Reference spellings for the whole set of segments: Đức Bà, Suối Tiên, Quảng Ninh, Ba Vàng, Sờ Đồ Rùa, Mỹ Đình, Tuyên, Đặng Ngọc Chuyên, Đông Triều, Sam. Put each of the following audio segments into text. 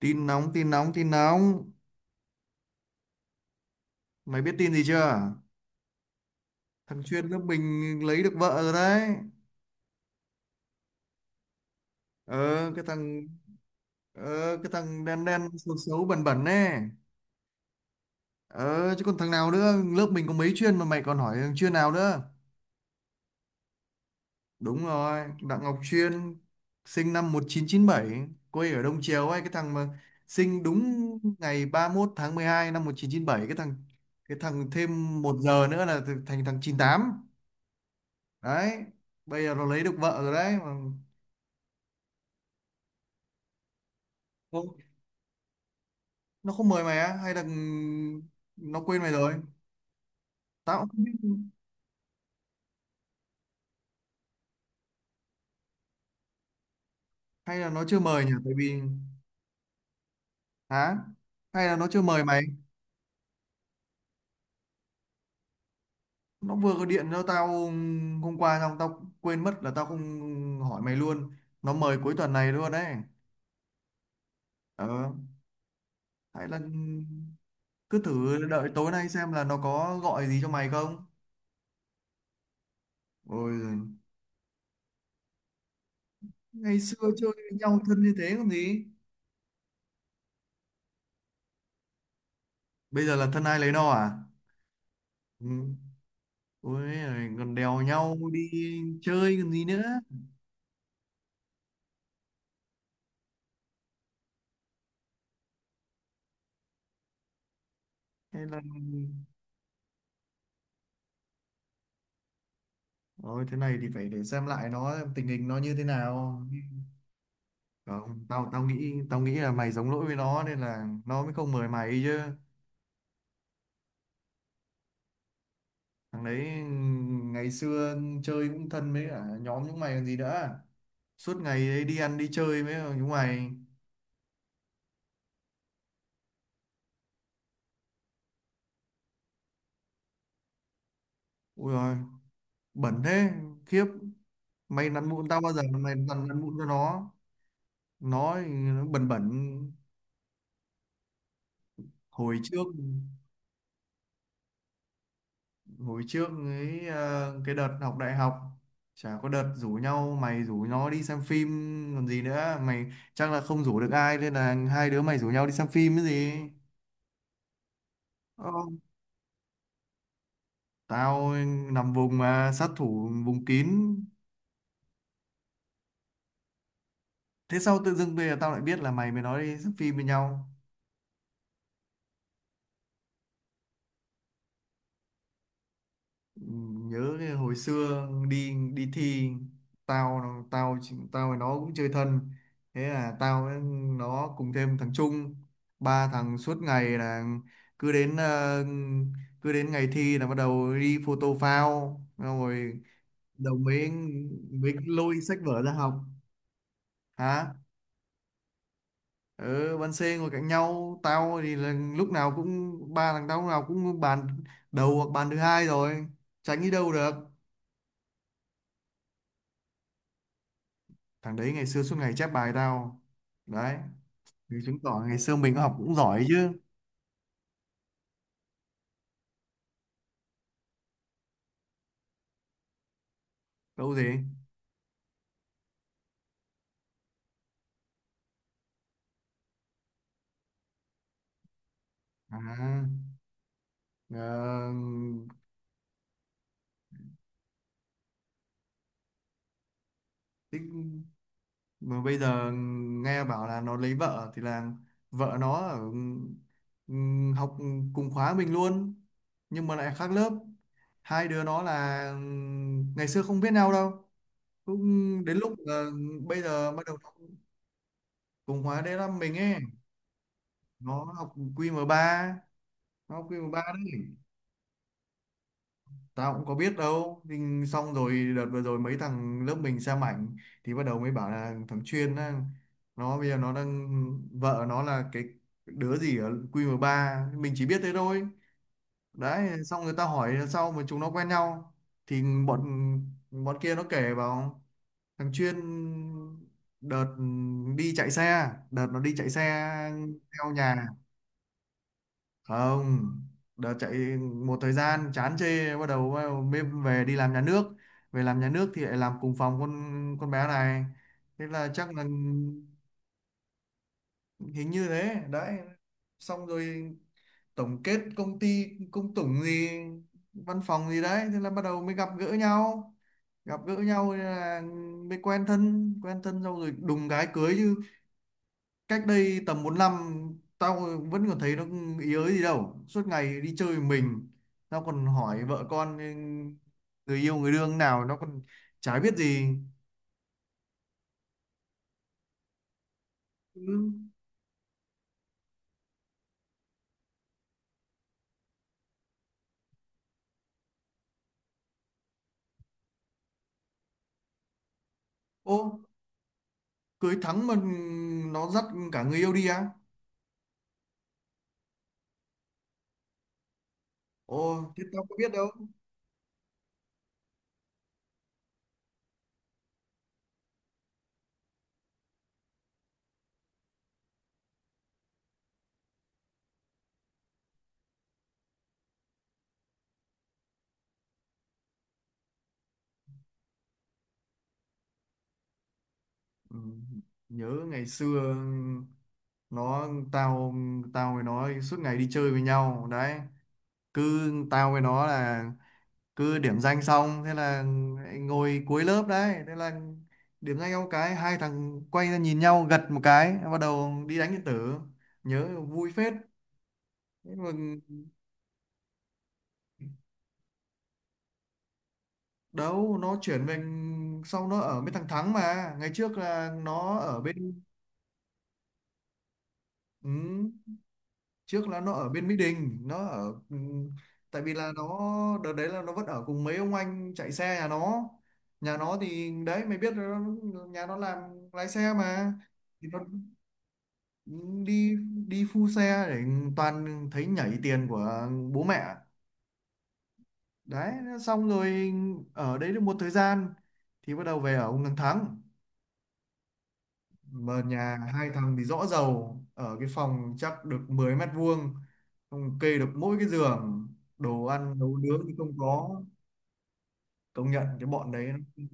Tin nóng tin nóng tin nóng! Mày biết tin gì chưa? Thằng chuyên lớp mình lấy được vợ rồi đấy. Ờ, cái thằng cái thằng đen đen xấu xấu bẩn bẩn ấy. Ờ chứ còn thằng nào nữa, lớp mình có mấy chuyên mà mày còn hỏi thằng chuyên nào nữa. Đúng rồi, Đặng Ngọc Chuyên, sinh năm 1997, quê ở Đông Triều ấy, cái thằng mà sinh đúng ngày 31/12/1997, cái thằng thêm một giờ nữa là thành thằng 98 đấy. Bây giờ nó lấy được vợ rồi đấy mà. Không, nó không mời mày á, hay là nó quên mày rồi? Tao cũng không biết. Hay là nó chưa mời nhỉ, tại vì… Hả? Hay là nó chưa mời mày. Nó vừa có điện cho tao hôm qua, xong tao quên mất là tao không hỏi mày luôn. Nó mời cuối tuần này luôn đấy. Ờ, hay là cứ thử đợi tối nay xem là nó có gọi gì cho mày không. Ôi giời, ngày xưa chơi với nhau thân như thế còn gì. Bây giờ là thân ai lấy no à. Ừ. Ôi giời, còn đèo nhau đi chơi còn gì nữa. Hay là Ôi, thế này thì phải để xem lại nó xem tình hình nó như thế nào. Không, tao tao nghĩ, tao nghĩ là mày giống lỗi với nó nên là nó mới không mời mày chứ. Thằng đấy ngày xưa chơi cũng thân với cả nhóm chúng mày còn gì nữa, suốt ngày ấy đi ăn đi chơi với chúng mày. Ui rồi, bẩn thế, khiếp! Mày nặn mụn tao bao giờ mà mày nặn nặn mụn cho nó? Nó thì nó bẩn bẩn. hồi trước Hồi trước ấy, cái đợt học đại học, chả có đợt rủ nhau, mày rủ nó đi xem phim còn gì nữa mày. Chắc là không rủ được ai nên là hai đứa mày rủ nhau đi xem phim cái gì. Ờ, tao nằm vùng mà, sát thủ vùng kín. Thế sao tự dưng bây giờ tao lại biết là mày mới nói đi xem phim với nhau. Nhớ cái hồi xưa đi đi thi, tao tao tao với nó cũng chơi thân. Thế là tao với nó cùng thêm thằng Trung, ba thằng suốt ngày là cứ đến ờ, cứ đến ngày thi là bắt đầu đi photo phao, xong rồi đầu mới mới lôi sách vở ra học. Hả? Ở ban C ngồi cạnh nhau, tao thì là lúc nào cũng ba thằng tao lúc nào cũng bàn đầu hoặc bàn thứ hai rồi, tránh đi đâu được. Thằng đấy ngày xưa suốt ngày chép bài tao đấy, thì chứng tỏ ngày xưa mình học cũng giỏi chứ. Đâu gì. À, ờ, tích-, mà bây giờ nghe bảo là nó lấy vợ thì là vợ nó ở, ừ, học cùng khóa mình luôn, nhưng mà lại khác lớp. Hai đứa nó là, ngày xưa không biết nhau đâu, cũng đến lúc là bây giờ bắt đầu nó cùng khóa đến là mình ấy. nó học qm ba nó học QM3 đấy. Tao cũng có biết đâu, nhưng xong rồi đợt vừa rồi mấy thằng lớp mình xem ảnh, thì bắt đầu mới bảo là thằng Chuyên á, nó bây giờ nó đang vợ nó là cái đứa gì ở QM3, mình chỉ biết thế thôi đấy. Xong người ta hỏi là sao mà chúng nó quen nhau, thì bọn bọn kia nó kể vào thằng Chuyên đợt đợt nó đi chạy xe theo nhà. Không, đợt chạy một thời gian chán chê, bắt đầu mới về đi làm nhà nước. Về làm nhà nước thì lại làm cùng phòng con bé này. Thế là chắc là… Hình như thế đấy. Xong rồi tổng kết công ty công tủng gì, văn phòng gì đấy, thế là bắt đầu mới gặp gỡ nhau. Gặp gỡ nhau là Mới quen thân, xong rồi đùng cái cưới chứ. Cách đây tầm 4 năm tao vẫn còn thấy nó ý ới gì đâu, suốt ngày đi chơi mình. Tao còn hỏi vợ con, người yêu người đương nào nó còn chả biết gì. Ừ. Ô, cưới Thắng mà nó dắt cả người yêu đi á? Ô thế tao có biết đâu. Ừ, nhớ ngày xưa nó tao tao với nó suốt ngày đi chơi với nhau đấy. Cứ tao với nó là cứ điểm danh xong thế là ngồi cuối lớp đấy, thế là điểm danh ông cái, hai thằng quay ra nhìn nhau gật một cái, bắt đầu đi đánh điện tử. Nhớ vui phết. Thế mà… Đâu, nó chuyển về xong nó ở bên thằng Thắng, mà ngày trước là nó ở bên, ừ, trước là nó ở bên Mỹ Đình. Tại vì là nó, đợt đấy là nó vẫn ở cùng mấy ông anh chạy xe nhà nó. Nhà nó thì đấy mày biết rồi, nhà nó làm lái xe mà, thì nó đi đi phu xe để toàn thấy nhảy tiền của bố mẹ đấy. Xong rồi ở đấy được một thời gian thì bắt đầu về ở ông thằng Thắng, mà nhà hai thằng thì rõ rầu, ở cái phòng chắc được 10 mét vuông, không kê được mỗi cái giường, đồ ăn nấu nướng thì không có. Công nhận cái bọn đấy, nó,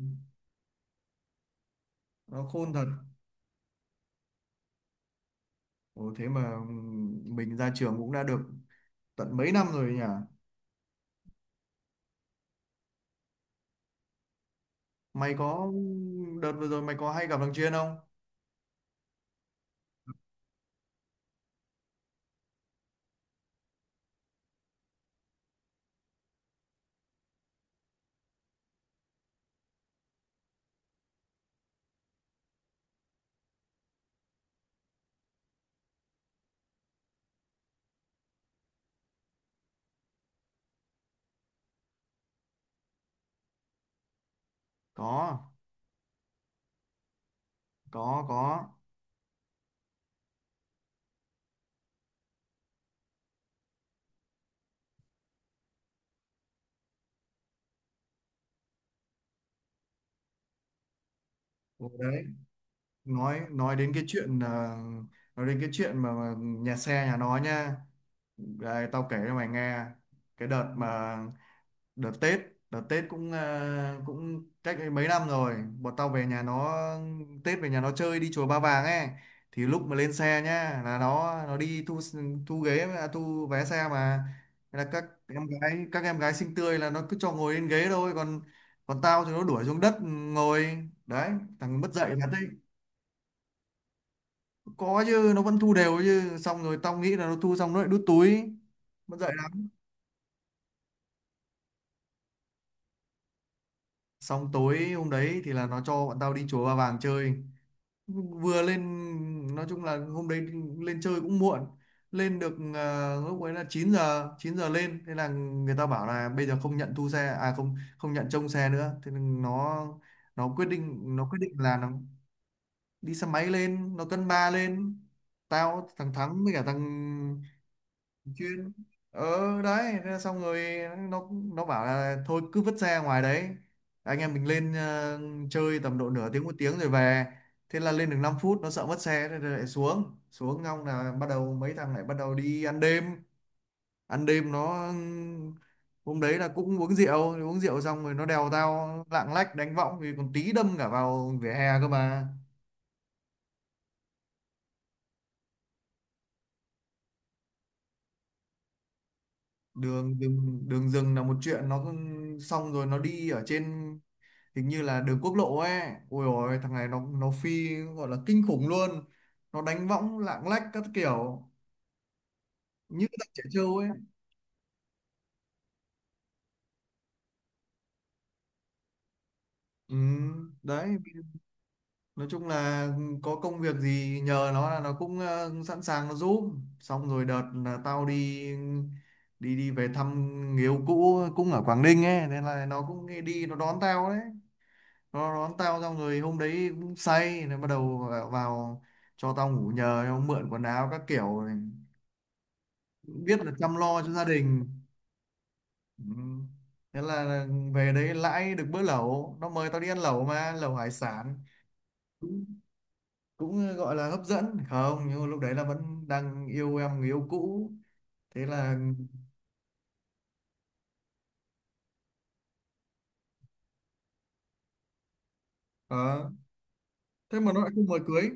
nó khôn thật. Ồ, thế mà mình ra trường cũng đã được tận mấy năm rồi nhỉ. Mày có, đợt vừa rồi mày có hay gặp thằng Chuyên không? Có, có, có. Ủa đấy, nói đến cái chuyện, nói đến cái chuyện mà nhà xe nhà nó nha, đây tao kể cho mày nghe. Cái đợt mà đợt Tết đợt Tết cũng, à, cũng cách ấy mấy năm rồi, bọn tao về nhà nó Tết, về nhà nó chơi đi chùa Ba Vàng ấy. Thì lúc mà lên xe nhá, là nó đi thu thu ghế, à, thu vé xe mà. Thế là các em gái xinh tươi là nó cứ cho ngồi lên ghế thôi, còn còn tao thì nó đuổi xuống đất ngồi đấy. Thằng mất dạy thật đấy, có chứ nó vẫn thu đều chứ, xong rồi tao nghĩ là nó thu xong nó lại đút túi. Mất dạy lắm. Xong tối hôm đấy thì là nó cho bọn tao đi chùa Ba Vàng chơi, vừa lên, nói chung là hôm đấy lên chơi cũng muộn. Lên được, à, lúc ấy là 9 giờ lên, thế là người ta bảo là bây giờ không nhận thu xe, à không, không nhận trông xe nữa, thế nên nó, nó quyết định là nó đi xe máy lên, nó cân ba lên, tao thằng Thắng với cả thằng Chuyên. Ờ đấy thế là xong rồi, nó bảo là thôi cứ vứt xe ngoài đấy, anh em mình lên, chơi tầm độ nửa tiếng một tiếng rồi về. Thế là lên được 5 phút nó sợ mất xe, thế là lại xuống, xong là bắt đầu mấy thằng lại bắt đầu đi ăn đêm. Ăn đêm, nó hôm đấy là cũng uống rượu, xong rồi nó đèo tao lạng lách đánh võng thì còn tí đâm cả vào vỉa hè cơ mà. Đường đường Đường rừng là một chuyện, nó xong rồi nó đi ở trên hình như là đường quốc lộ ấy. Ôi ôi, thằng này nó phi gọi là kinh khủng luôn, nó đánh võng lạng lách các kiểu như thằng trẻ trâu ấy. Ừ, đấy. Nói chung là có công việc gì nhờ nó là nó cũng, sẵn sàng nó giúp. Xong rồi đợt là tao đi, đi về thăm người yêu cũ cũng ở Quảng Ninh ấy, nên là nó cũng đi, nó đón tao đấy. Nó đón tao xong rồi hôm đấy cũng say, nó bắt đầu vào cho tao ngủ nhờ, nó mượn quần áo các kiểu này. Biết là chăm lo cho gia đình. Ừ. Thế là về đấy lãi được bữa lẩu, nó mời tao đi ăn lẩu mà, lẩu hải sản. Cũng cũng ờ, gọi là hấp dẫn không, nhưng mà lúc đấy là vẫn đang yêu em người yêu cũ, thế là… Ờ, thế mà nó lại không mời cưới.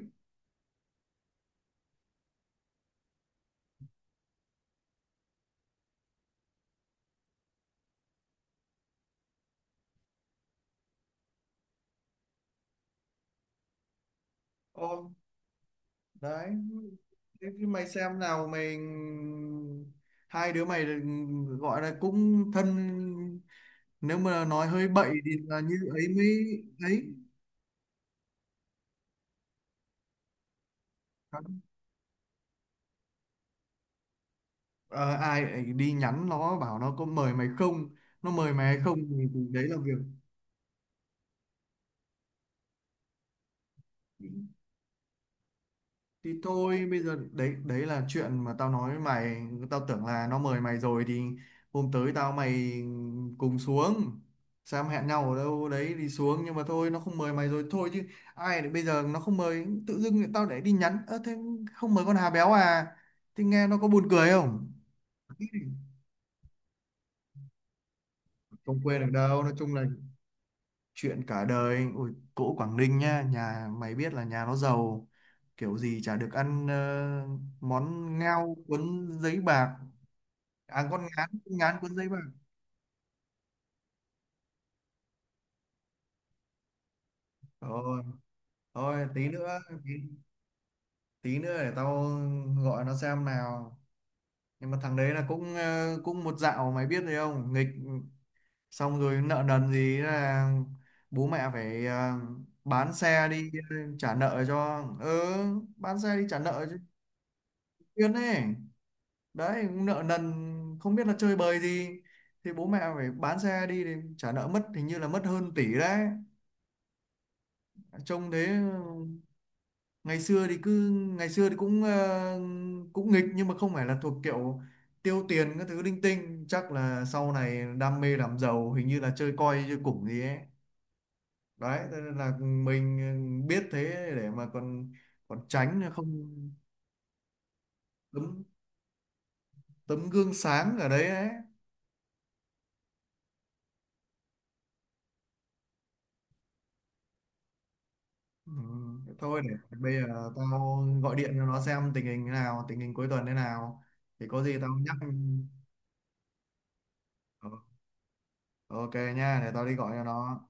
Ồ đấy, thế thì mày xem nào mày, hai đứa mày gọi là cũng thân, nếu mà nói hơi bậy thì là như ấy mới ấy. Ờ, ai lại đi nhắn nó bảo nó có mời mày không. Nó mời mày hay không thì, thì đấy là việc, thì thôi bây giờ đấy, đấy là chuyện mà tao nói với mày. Tao tưởng là nó mời mày rồi thì hôm tới tao mày cùng xuống Sam, hẹn nhau ở đâu đấy đi xuống, nhưng mà thôi nó không mời mày rồi thôi chứ. Ai lại bây giờ nó không mời, tự dưng lại tao để đi nhắn, ơ thế không mời con Hà Béo à, thì nghe nó có buồn cười không. Không quên được đâu, nói chung là chuyện cả đời. Ui cỗ Quảng Ninh nhá, nhà mày biết là nhà nó giàu, kiểu gì chả được ăn, món ngao cuốn giấy bạc, à con ngán, ngán cuốn giấy bạc. Rồi, thôi tí nữa, tí, tí nữa để tao gọi nó xem nào. Nhưng mà thằng đấy là cũng, cũng một dạo mày biết rồi không nghịch, xong rồi nợ nần gì là bố mẹ phải, bán xe đi, trả nợ cho. Ừ, bán xe đi trả nợ cho Tuyên ấy. Đấy, nợ nần không biết là chơi bời gì, thì bố mẹ phải bán xe đi thì trả nợ mất, hình như là mất hơn tỷ đấy. Trông thế, ngày xưa thì cứ ngày xưa thì cũng, cũng nghịch nhưng mà không phải là thuộc kiểu tiêu tiền các thứ linh tinh, chắc là sau này đam mê làm giàu, hình như là chơi coi chơi củng gì ấy. Đấy, thế nên là mình biết thế để mà còn, còn tránh không. Tấm Tấm gương sáng ở đấy ấy. Ừ, thôi để bây giờ tao gọi điện cho nó xem tình hình thế nào, tình hình cuối tuần thế nào thì có gì tao nhắc. Ừ, ok nha, để tao đi gọi cho nó.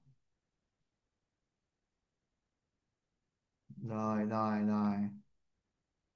Rồi rồi rồi.